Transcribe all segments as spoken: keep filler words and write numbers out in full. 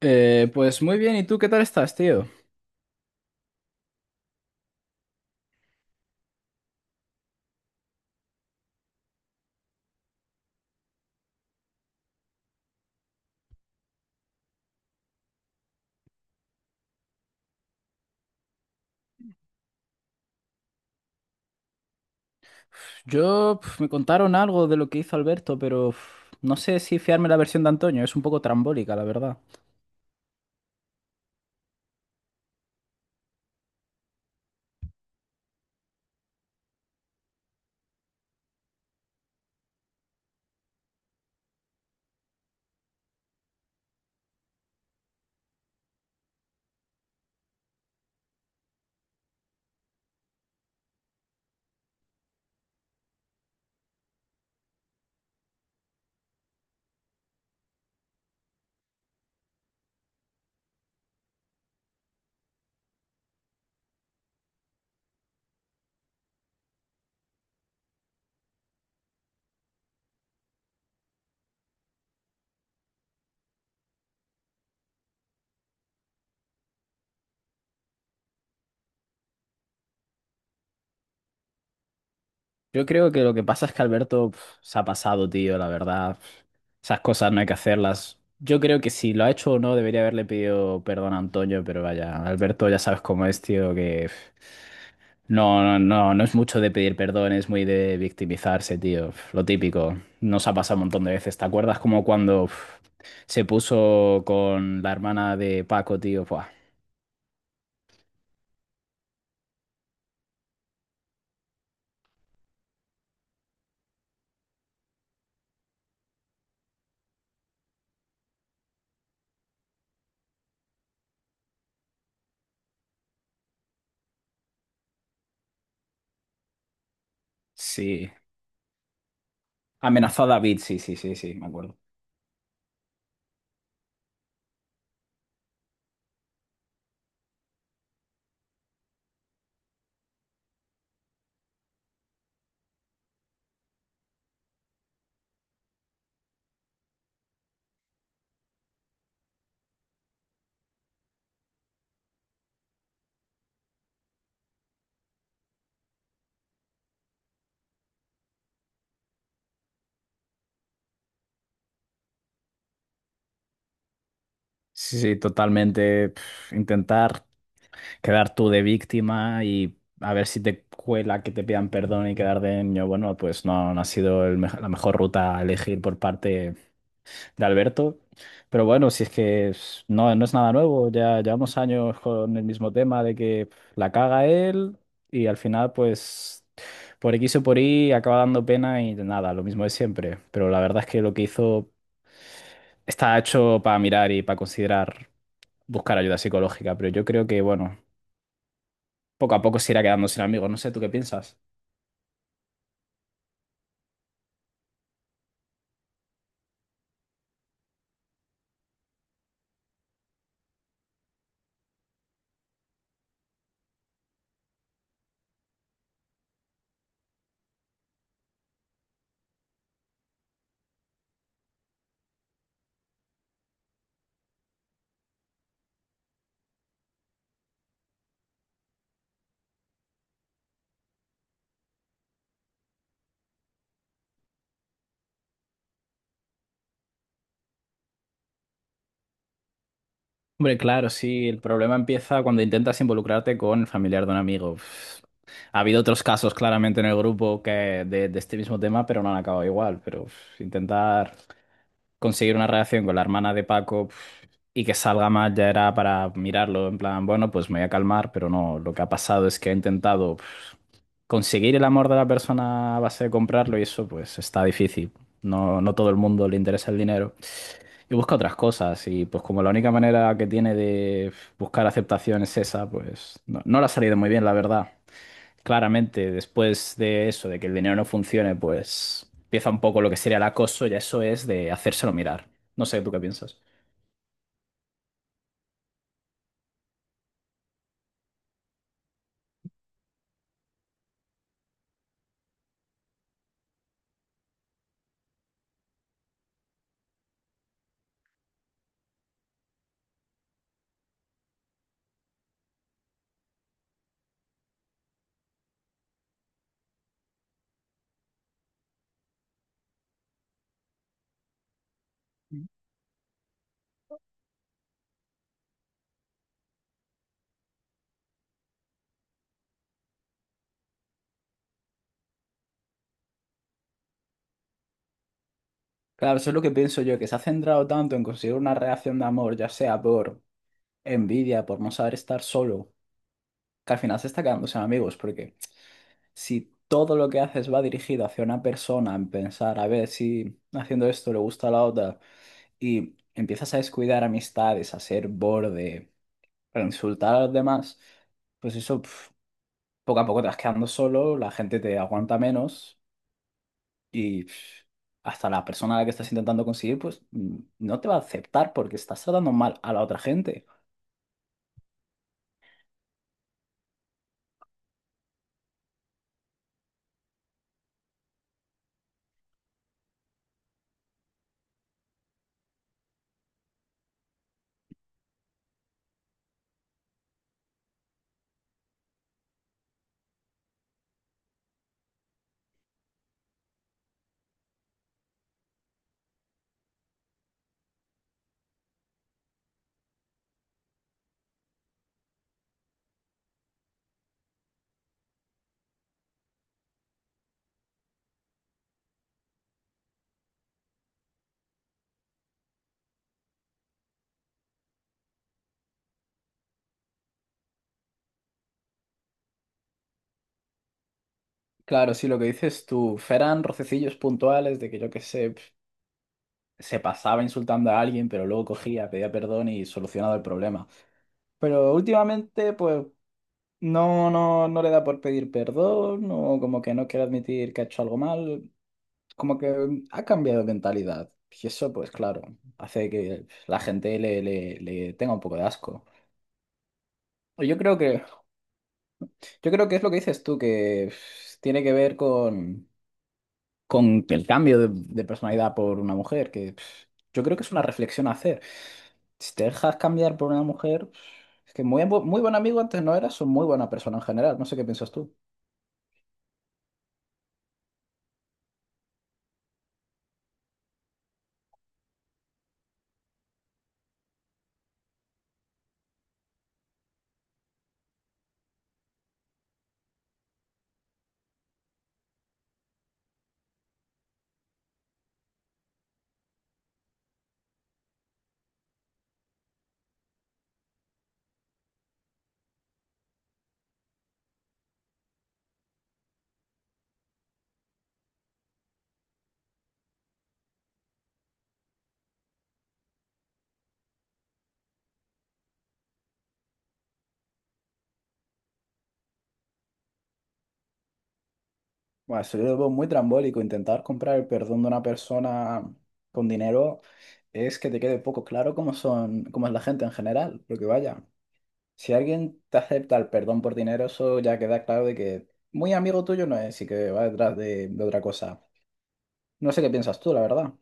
Eh, pues muy bien, ¿y tú qué tal estás, tío? Yo pf, me contaron algo de lo que hizo Alberto, pero pf, no sé si fiarme la versión de Antonio, es un poco trambólica, la verdad. Yo creo que lo que pasa es que Alberto pf, se ha pasado, tío, la verdad. Pf, Esas cosas no hay que hacerlas. Yo creo que si lo ha hecho o no, debería haberle pedido perdón a Antonio, pero vaya, Alberto ya sabes cómo es, tío, que pf, no, no, no, no es mucho de pedir perdón, es muy de victimizarse, tío. Pf, Lo típico. Nos ha pasado un montón de veces. ¿Te acuerdas como cuando pf, se puso con la hermana de Paco, tío? Buah, sí. Amenazó a David, sí, sí, sí, sí, me acuerdo. Sí, sí, totalmente. pf, intentar. Quedar tú de víctima y a ver si te cuela que te pidan perdón y quedar de niño, bueno, pues no, no ha sido el mej- la mejor ruta a elegir por parte de Alberto. Pero bueno, si es que es- no, no es nada nuevo, ya llevamos años con el mismo tema de que la caga él y al final pues por X o por Y acaba dando pena y nada, lo mismo de siempre. Pero la verdad es que lo que hizo está hecho para mirar y para considerar buscar ayuda psicológica, pero yo creo que bueno. Poco a poco se irá quedando sin amigos. No sé, ¿tú qué piensas? Hombre, claro, sí, el problema empieza cuando intentas involucrarte con el familiar de un amigo. Pff, Ha habido otros casos claramente en el grupo que de, de este mismo tema, pero no han acabado igual. Pero pff, intentar conseguir una relación con la hermana de Paco pff, y que salga mal ya era para mirarlo, en plan, bueno, pues me voy a calmar, pero no, lo que ha pasado es que he intentado pff, conseguir el amor de la persona a base de comprarlo y eso pues está difícil. No, no todo el mundo le interesa el dinero. Y busca otras cosas y pues como la única manera que tiene de buscar aceptación es esa, pues no, no le ha salido muy bien, la verdad. Claramente, después de eso, de que el dinero no funcione, pues empieza un poco lo que sería el acoso y eso es de hacérselo mirar. No sé, ¿tú qué piensas? Claro, eso es lo que pienso yo, que se ha centrado tanto en conseguir una reacción de amor, ya sea por envidia, por no saber estar solo, que al final se está quedando sin amigos, porque si todo lo que haces va dirigido hacia una persona, en pensar, a ver si haciendo esto le gusta a la otra, y empiezas a descuidar amistades, a ser borde, a insultar a los demás, pues eso pf, Poco a poco te vas quedando solo, la gente te aguanta menos y pf, hasta la persona a la que estás intentando conseguir, pues mm, no te va a aceptar porque estás tratando mal a la otra gente. Claro, sí, lo que dices tú, Feran rocecillos puntuales de que yo qué sé. Se pasaba insultando a alguien, pero luego cogía, pedía perdón y solucionaba el problema. Pero últimamente, pues, no, no, no le da por pedir perdón, o como que no quiere admitir que ha hecho algo mal, como que mm, ha cambiado de mentalidad. Y eso, pues claro, hace que la gente le, le, le tenga un poco de asco. Yo creo que, yo creo que es lo que dices tú, que tiene que ver con con el cambio de, de personalidad por una mujer, que pff, yo creo que es una reflexión a hacer. Si te dejas cambiar por una mujer, pff, es que muy, bu- muy buen amigo antes no eras, o muy buena persona en general, no sé qué piensas tú. Bueno, eso yo lo veo muy trambólico, intentar comprar el perdón de una persona con dinero es que te quede poco claro cómo son, cómo es la gente en general, porque vaya, si alguien te acepta el perdón por dinero, eso ya queda claro de que muy amigo tuyo no es y que va detrás de de otra cosa. No sé qué piensas tú, la verdad.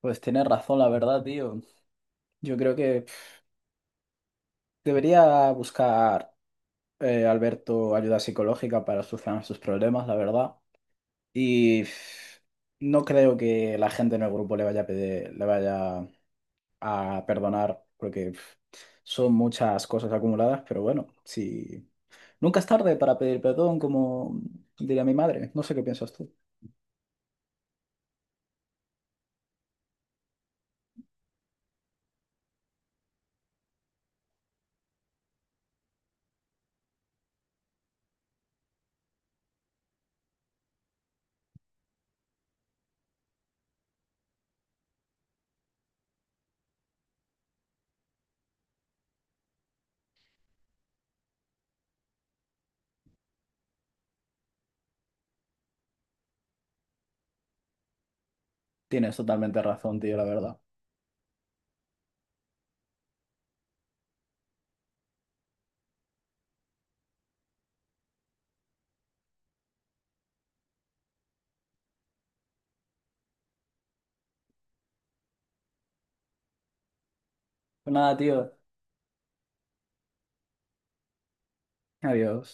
Pues tienes razón, la verdad, tío. Yo creo que pf, debería buscar eh, Alberto ayuda psicológica para solucionar sus problemas, la verdad. Y pf, no creo que la gente en el grupo le vaya a pedir- le vaya a perdonar, porque pf, son muchas cosas acumuladas, pero bueno, si nunca es tarde para pedir perdón, como diría mi madre. No sé qué piensas tú. Tienes totalmente razón, tío, la verdad. Pues nada, tío. Adiós.